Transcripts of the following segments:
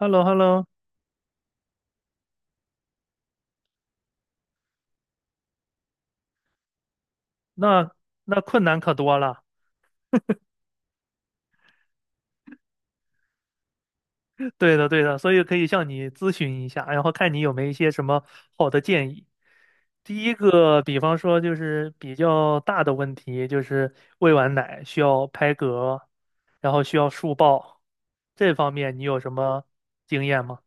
hello hello 那那困难可多了。对的，对的，所以可以向你咨询一下，然后看你有没有一些什么好的建议。第一个，比方说就是比较大的问题，就是喂完奶需要拍嗝，然后需要竖抱，这方面你有什么经验吗？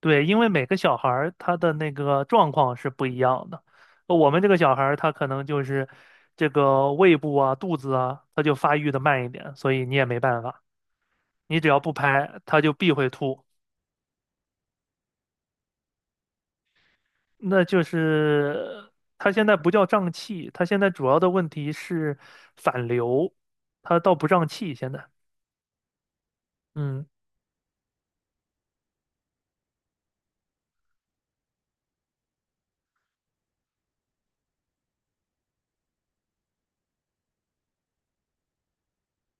对，因为每个小孩儿他的那个状况是不一样的。我们这个小孩儿他可能就是这个胃部啊、肚子啊，他就发育的慢一点，所以你也没办法。你只要不拍，它就必会吐。那就是它现在不叫胀气，它现在主要的问题是反流，它倒不胀气。现在，嗯，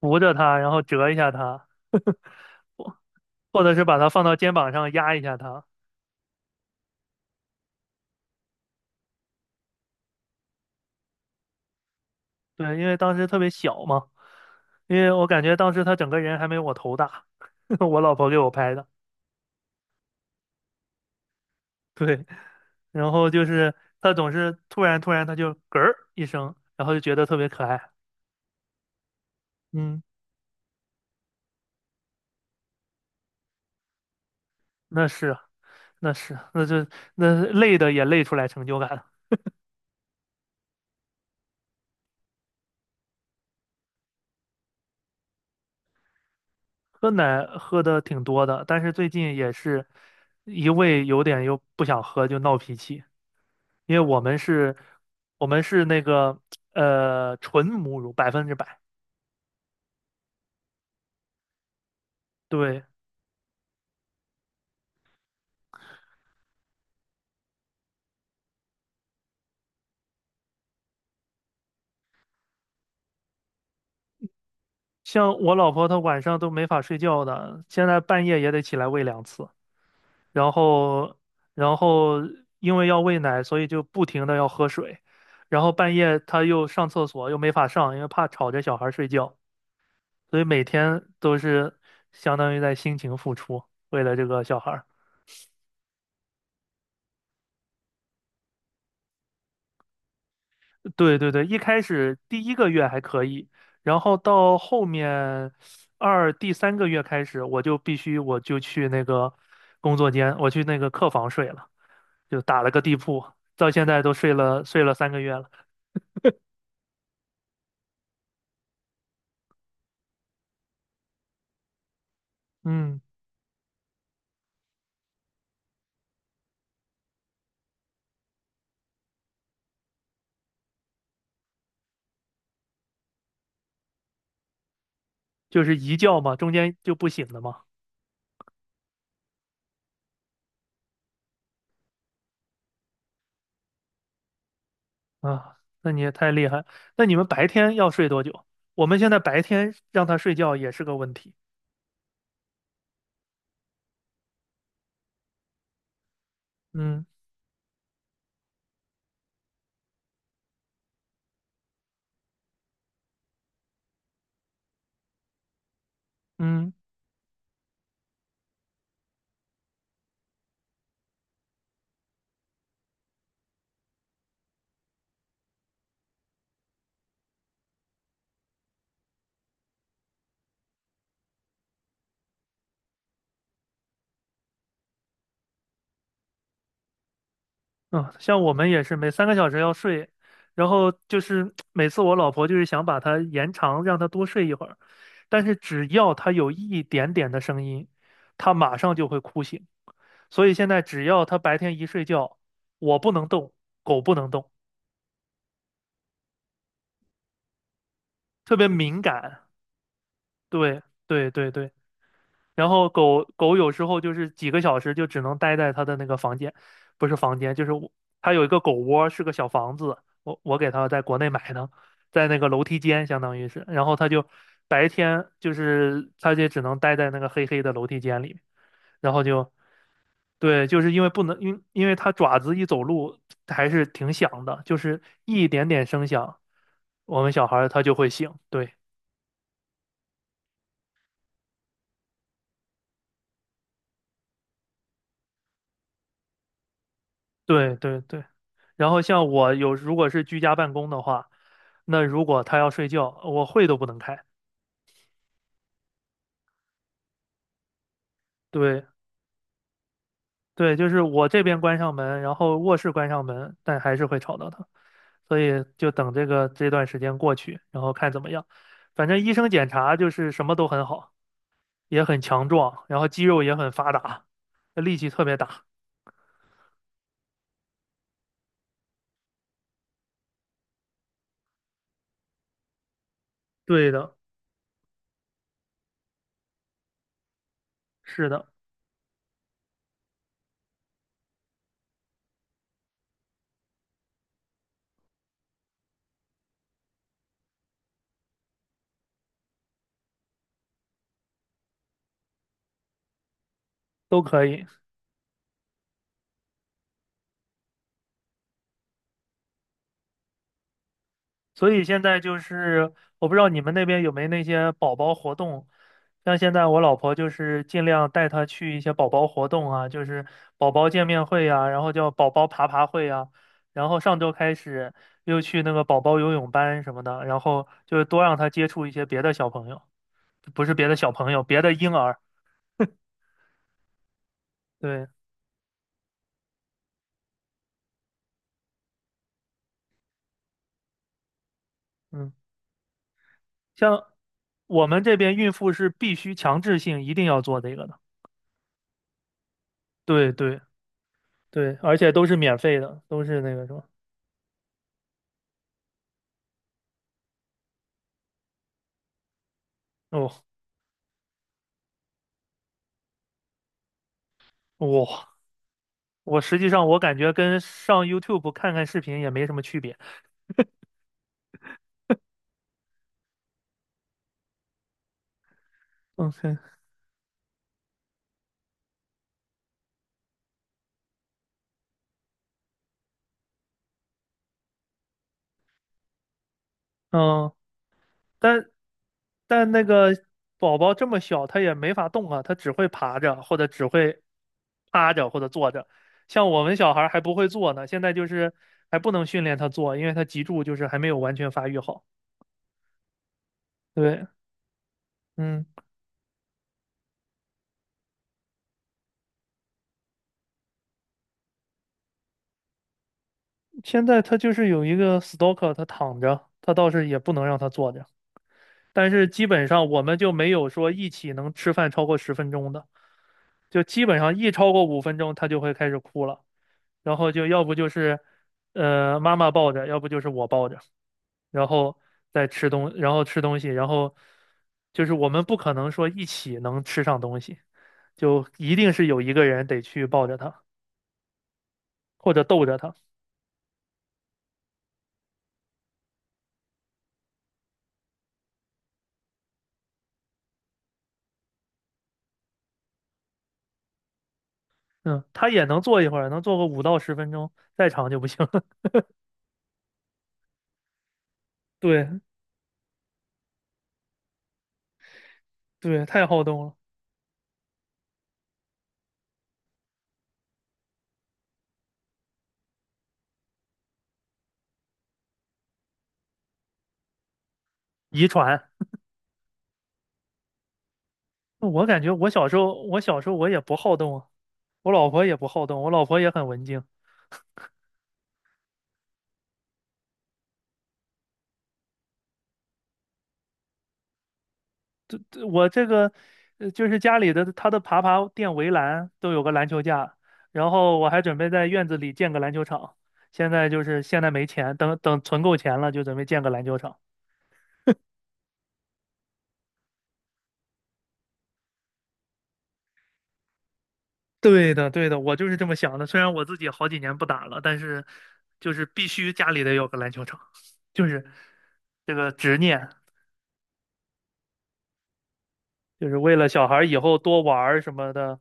扶着它，然后折一下它，或或者是把它放到肩膀上压一下它。对，因为当时特别小嘛，因为我感觉当时他整个人还没我头大，我老婆给我拍的。对，然后就是他总是突然他就嗝儿一声，然后就觉得特别可爱。嗯，那是啊。那是，那累的也累出来成就感了。喝奶喝的挺多的，但是最近也是一味有点又不想喝就闹脾气，因为我们是，我们是那个纯母乳100%。对，像我老婆她晚上都没法睡觉的，现在半夜也得起来喂2次，然后然后因为要喂奶，所以就不停的要喝水，然后半夜她又上厕所又没法上，因为怕吵着小孩睡觉。所以每天都是相当于在辛勤付出，为了这个小孩儿。对对对，一开始第一个月还可以，然后到后面第三个月开始，我就去那个工作间，我去那个客房睡了，就打了个地铺，到现在都睡了三个月了。嗯，就是一觉嘛，中间就不醒了嘛。啊，那你也太厉害。那你们白天要睡多久？我们现在白天让他睡觉也是个问题。嗯嗯。嗯，像我们也是每3个小时要睡，然后就是 每次我老婆就是想把它延长，让它多睡一会儿，但是只要它有一点点的声音，它马上就会哭醒。所以现在只要它白天一睡觉，我不能动，狗不能动，特别敏感。对对对对。然后狗狗有时候就是几个小时就只能待在它的那个房间，不是房间，就是我它有一个狗窝，是个小房子，我给它在国内买的，在那个楼梯间相当于是，然后它就白天就是它就只能待在那个黑黑的楼梯间里，然后就对，就是因为不能因为它爪子一走路还是挺响的，就是一点点声响，我们小孩儿他就会醒，对。对对对，然后像如果是居家办公的话，那如果他要睡觉，我会都不能开。对对，就是我这边关上门，然后卧室关上门，但还是会吵到他，所以就等这个这段时间过去，然后看怎么样。反正医生检查就是什么都很好，也很强壮，然后肌肉也很发达，力气特别大。对的，是的，都可以。所以现在就是，我不知道你们那边有没有那些宝宝活动，像现在我老婆就是尽量带她去一些宝宝活动啊，就是宝宝见面会呀，然后叫宝宝爬爬会啊，然后上周开始又去那个宝宝游泳班什么的，然后就是多让她接触一些别的小朋友，不是别的小朋友，别的婴儿，对，嗯，像我们这边孕妇是必须强制性一定要做这个的，对对对，而且都是免费的，都是那个什么。哦，哇，我实际上我感觉跟上 YouTube 看看视频也没什么区别。OK，嗯，但但那个宝宝这么小，他也没法动啊，他只会爬着，或者只会趴着，或者坐着。像我们小孩儿还不会坐呢，现在就是还不能训练他坐，因为他脊柱就是还没有完全发育好。对，嗯，现在他就是有一个 stalker，他躺着，他倒是也不能让他坐着，但是基本上我们就没有说一起能吃饭超过十分钟的。就基本上一超过5分钟，他就会开始哭了。然后就要不就是，妈妈抱着，要不就是我抱着，然后再吃东，然后吃东西，然后就是我们不可能说一起能吃上东西，就一定是有一个人得去抱着他或者逗着他。嗯，他也能坐一会儿，能坐个5到10分钟，再长就不行了。对对，太好动了，遗传。我感觉我小时候我也不好动啊，我老婆也不好动，我老婆也很文静。我这个就是家里的他的爬爬垫围栏都有个篮球架，然后我还准备在院子里建个篮球场。现在没钱，等等存够钱了就准备建个篮球场。对的，对的，我就是这么想的。虽然我自己好几年不打了，但是就是必须家里得有个篮球场，就是这个执念，就是为了小孩儿以后多玩儿什么的。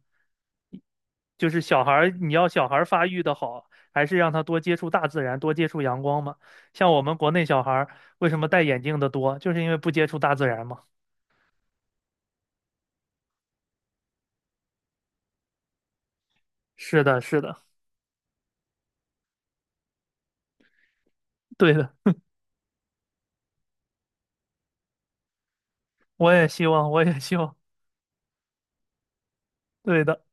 就是小孩儿，你要小孩儿发育的好，还是让他多接触大自然，多接触阳光嘛。像我们国内小孩儿为什么戴眼镜的多，就是因为不接触大自然嘛。是的，是的，对的，我也希望，我也希望，对的。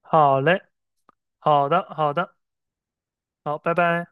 好嘞，好的，好的，好，拜拜。